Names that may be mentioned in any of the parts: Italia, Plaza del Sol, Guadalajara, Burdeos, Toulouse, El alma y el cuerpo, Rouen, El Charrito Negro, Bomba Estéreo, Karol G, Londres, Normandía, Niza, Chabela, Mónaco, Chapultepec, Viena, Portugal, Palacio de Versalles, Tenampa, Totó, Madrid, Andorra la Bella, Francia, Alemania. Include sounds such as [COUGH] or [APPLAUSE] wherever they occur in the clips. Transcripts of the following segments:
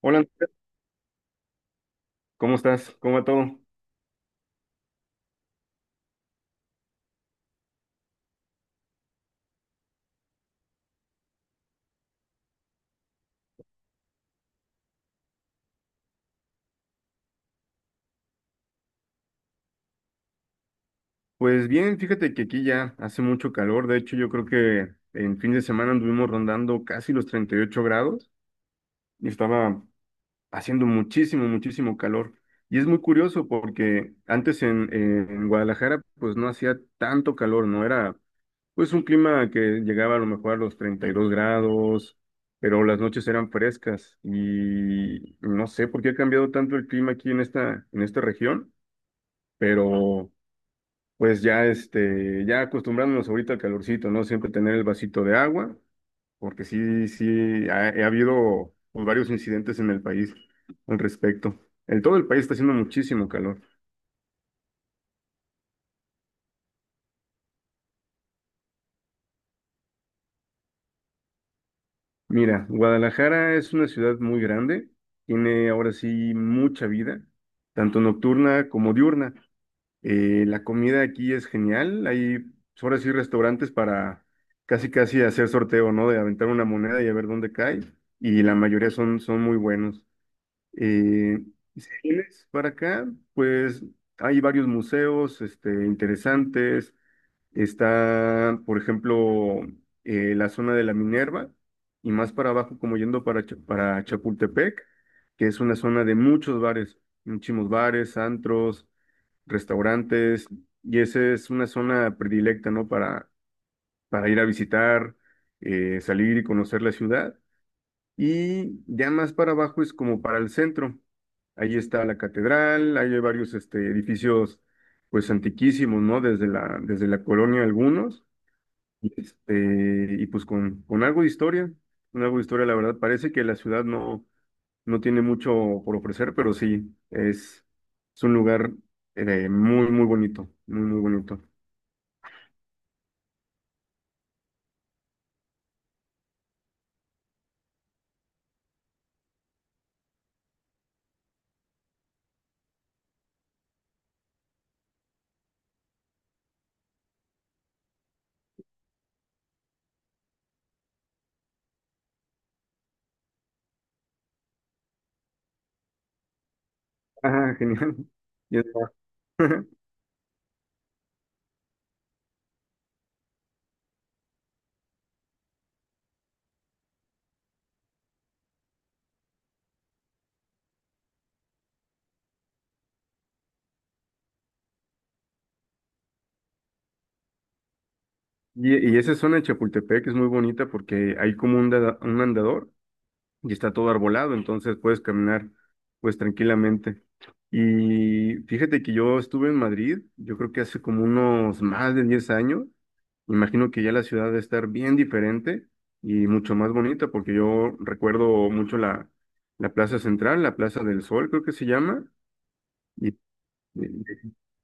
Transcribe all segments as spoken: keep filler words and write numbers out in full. Hola, Andrea, ¿cómo estás? ¿Cómo va todo? Pues bien, fíjate que aquí ya hace mucho calor. De hecho, yo creo que en fin de semana anduvimos rondando casi los treinta y ocho grados y estaba haciendo muchísimo, muchísimo calor. Y es muy curioso porque antes en, en Guadalajara pues no hacía tanto calor, no era pues un clima que llegaba a lo mejor a los treinta y dos grados, pero las noches eran frescas y no sé por qué ha cambiado tanto el clima aquí en esta, en esta región, pero... Pues ya, este, ya acostumbrándonos ahorita al calorcito, ¿no? Siempre tener el vasito de agua, porque sí, sí, ha, ha habido pues, varios incidentes en el país al respecto. En todo el país está haciendo muchísimo calor. Mira, Guadalajara es una ciudad muy grande, tiene ahora sí mucha vida, tanto nocturna como diurna. Eh, la comida aquí es genial. Hay, pues, ahora sí, restaurantes para casi casi hacer sorteo, ¿no? De aventar una moneda y a ver dónde cae. Y la mayoría son, son muy buenos. Eh, si vienes para acá, pues hay varios museos, este, interesantes. Está, por ejemplo, eh, la zona de la Minerva y más para abajo, como yendo para, Cha- para Chapultepec, que es una zona de muchos bares, muchísimos bares, antros, restaurantes, y esa es una zona predilecta, ¿no? Para, para ir a visitar, eh, salir y conocer la ciudad. Y ya más para abajo es como para el centro. Ahí está la catedral, ahí hay varios este, edificios pues antiquísimos, ¿no? Desde la, desde la colonia algunos, y, este, y pues con, con algo de historia, con algo de historia, la verdad, parece que la ciudad no no tiene mucho por ofrecer, pero sí, es, es un lugar eh, muy, muy bonito, muy, muy bonito. Ah, genial. [LAUGHS] Ya está. [LAUGHS] Y, y esa zona de Chapultepec es muy bonita porque hay como un, dada- un andador y está todo arbolado, entonces puedes caminar pues tranquilamente. Y fíjate que yo estuve en Madrid, yo creo que hace como unos más de diez años, imagino que ya la ciudad debe estar bien diferente y mucho más bonita, porque yo recuerdo mucho la, la Plaza Central, la Plaza del Sol creo que se llama, y, eh,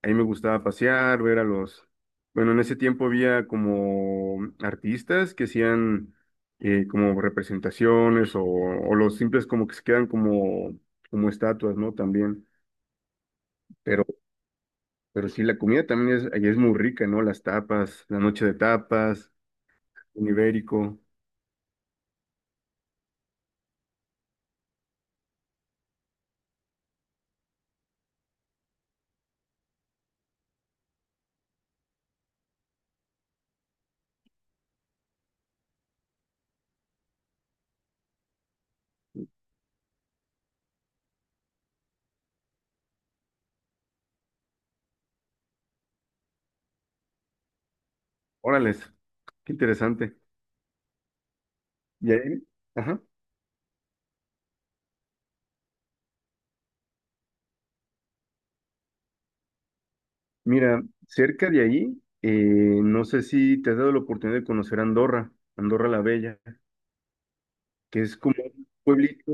a mí me gustaba pasear, ver a los... Bueno, en ese tiempo había como artistas que hacían eh, como representaciones o, o los simples como que se quedan como, como estatuas, ¿no? También. Pero, pero sí, la comida también es, ahí es muy rica, ¿no? Las tapas, la noche de tapas, un ibérico. Órales, qué interesante. Y ahí, ajá. Mira, cerca de ahí, eh, no sé si te has dado la oportunidad de conocer Andorra, Andorra la Bella, que es como un pueblito.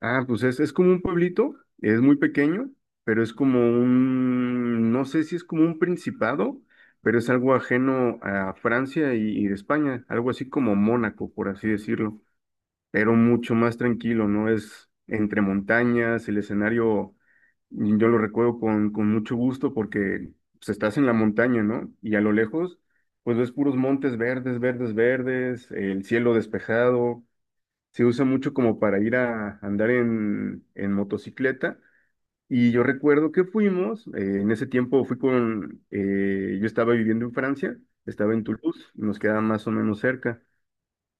Ah, pues es, es como un pueblito, es muy pequeño, pero es como un, no sé si es como un principado, pero es algo ajeno a Francia y, y España, algo así como Mónaco, por así decirlo, pero mucho más tranquilo, ¿no? Es entre montañas, el escenario, y yo lo recuerdo con, con mucho gusto porque pues, estás en la montaña, ¿no? Y a lo lejos, pues ves puros montes verdes, verdes, verdes, el cielo despejado se usa mucho como para ir a andar en, en motocicleta. Y yo recuerdo que fuimos, eh, en ese tiempo fui con, eh, yo estaba viviendo en Francia, estaba en Toulouse, nos quedaba más o menos cerca,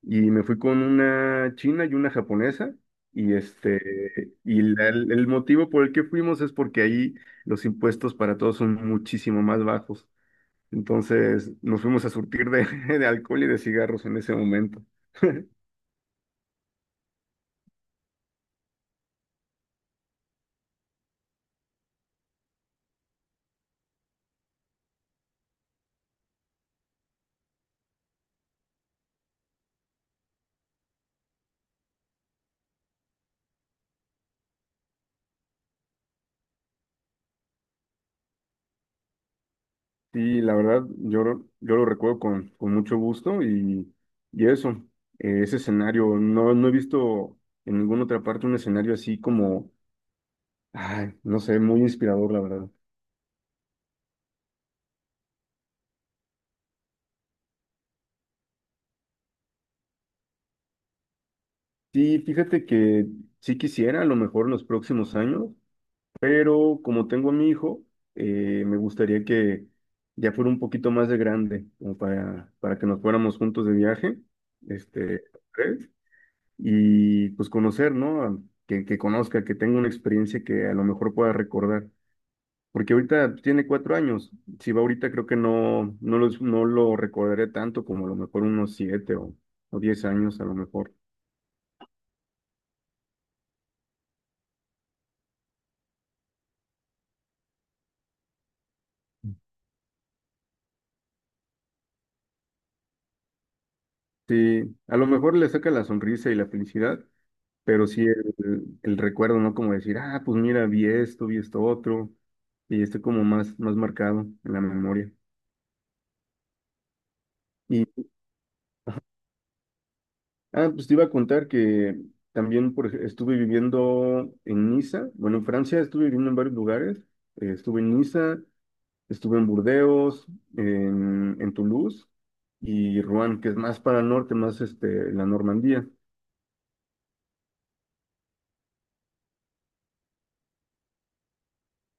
y me fui con una china y una japonesa, y este, y la- el el motivo por el que fuimos es porque ahí los impuestos para todos son muchísimo más bajos. Entonces nos fuimos a surtir de, [LAUGHS] de alcohol y de cigarros en ese momento. Sí, la verdad, yo, lo- yo lo recuerdo con, con mucho gusto y, y eso, eh, ese escenario, no, no he visto en ninguna otra parte un escenario así como, ay, no sé, muy inspirador, la verdad. Sí, fíjate que sí quisiera, a lo mejor en los próximos años, pero como tengo a mi hijo, eh, me gustaría que ya fuera un poquito más de grande, como para, para que nos fuéramos juntos de viaje, este, y pues conocer, ¿no? Que, que conozca, que tenga una experiencia que a lo mejor pueda recordar. Porque ahorita pues, tiene cuatro años. Si va ahorita, creo que no, no lo, no lo recordaré tanto como a lo mejor unos siete o, o diez años, a lo mejor. Sí, a lo mejor le saca la sonrisa y la felicidad, pero sí el, el recuerdo, ¿no? Como decir, ah, pues mira, vi esto, vi esto otro, y está como más, más marcado en la memoria. Ah, pues te iba a contar que también por, ej- estuve viviendo en Niza, bueno, en Francia estuve viviendo en varios lugares, eh, estuve en Niza, estuve en Burdeos, en, en Toulouse y Rouen, que es más para el norte, más este, la Normandía.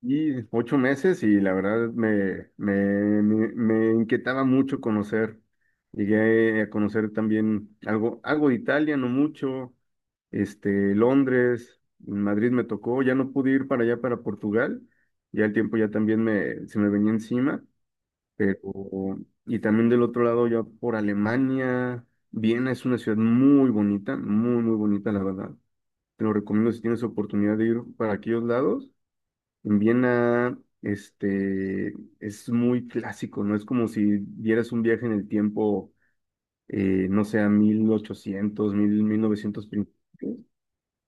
Y ocho meses y la verdad me, me, me, me inquietaba mucho conocer. Llegué a conocer también algo, algo de Italia, no mucho, este, Londres, Madrid me tocó, ya no pude ir para allá, para Portugal, ya el tiempo ya también me, se me venía encima, pero, y también del otro lado ya por Alemania, Viena es una ciudad muy bonita, muy, muy bonita, la verdad. Te lo recomiendo si tienes oportunidad de ir para aquellos lados. En Viena, este, es muy clásico, ¿no? Es como si dieras un viaje en el tiempo, eh, no sé, a mil ochocientos, mil, mil novecientos,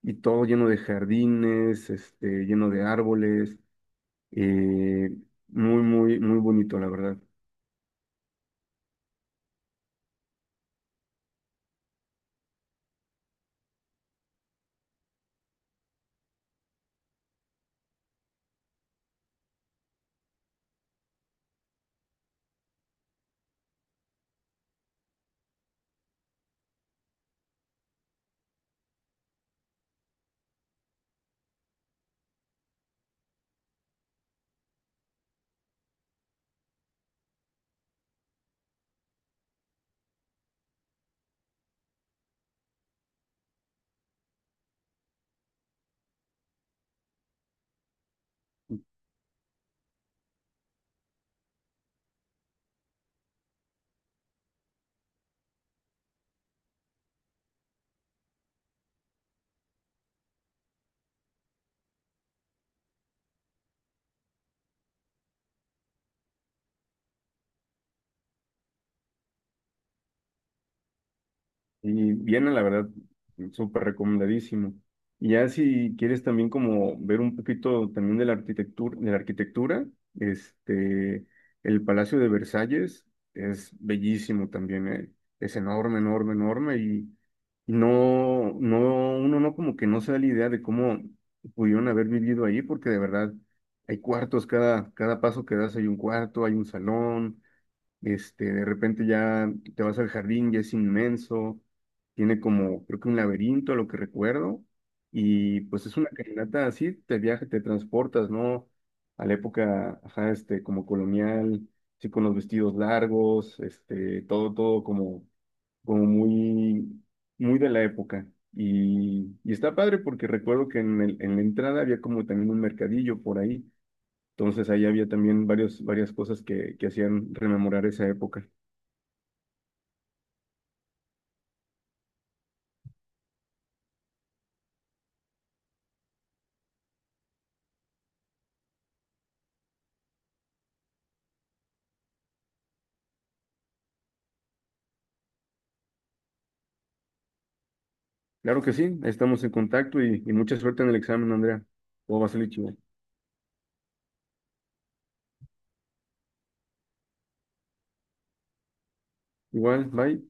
y todo lleno de jardines, este, lleno de árboles, eh, muy, muy, muy bonito, la verdad. Y viene, la verdad, súper recomendadísimo. Y ya si quieres también como ver un poquito también de la arquitectura, de la arquitectura, este, el Palacio de Versalles es bellísimo también, ¿eh? Es enorme, enorme, enorme, no, no, uno no como que no se da la idea de cómo pudieron haber vivido ahí, porque de verdad hay cuartos, cada, cada paso que das hay un cuarto, hay un salón, este, de repente ya te vas al jardín y es inmenso, tiene como, creo que un laberinto, a lo que recuerdo, y pues es una caminata así, te viaja, te transportas, ¿no? A la época, ajá, este, como colonial, sí, con los vestidos largos, este, todo, todo como como muy, muy de la época. Y, y está padre porque recuerdo que en el- en la entrada había como también un mercadillo por ahí. Entonces ahí había también varios, varias cosas que, que hacían rememorar esa época. Claro que sí, estamos en contacto y, y mucha suerte en el examen, Andrea. Todo va a salir chido. Igual, bye.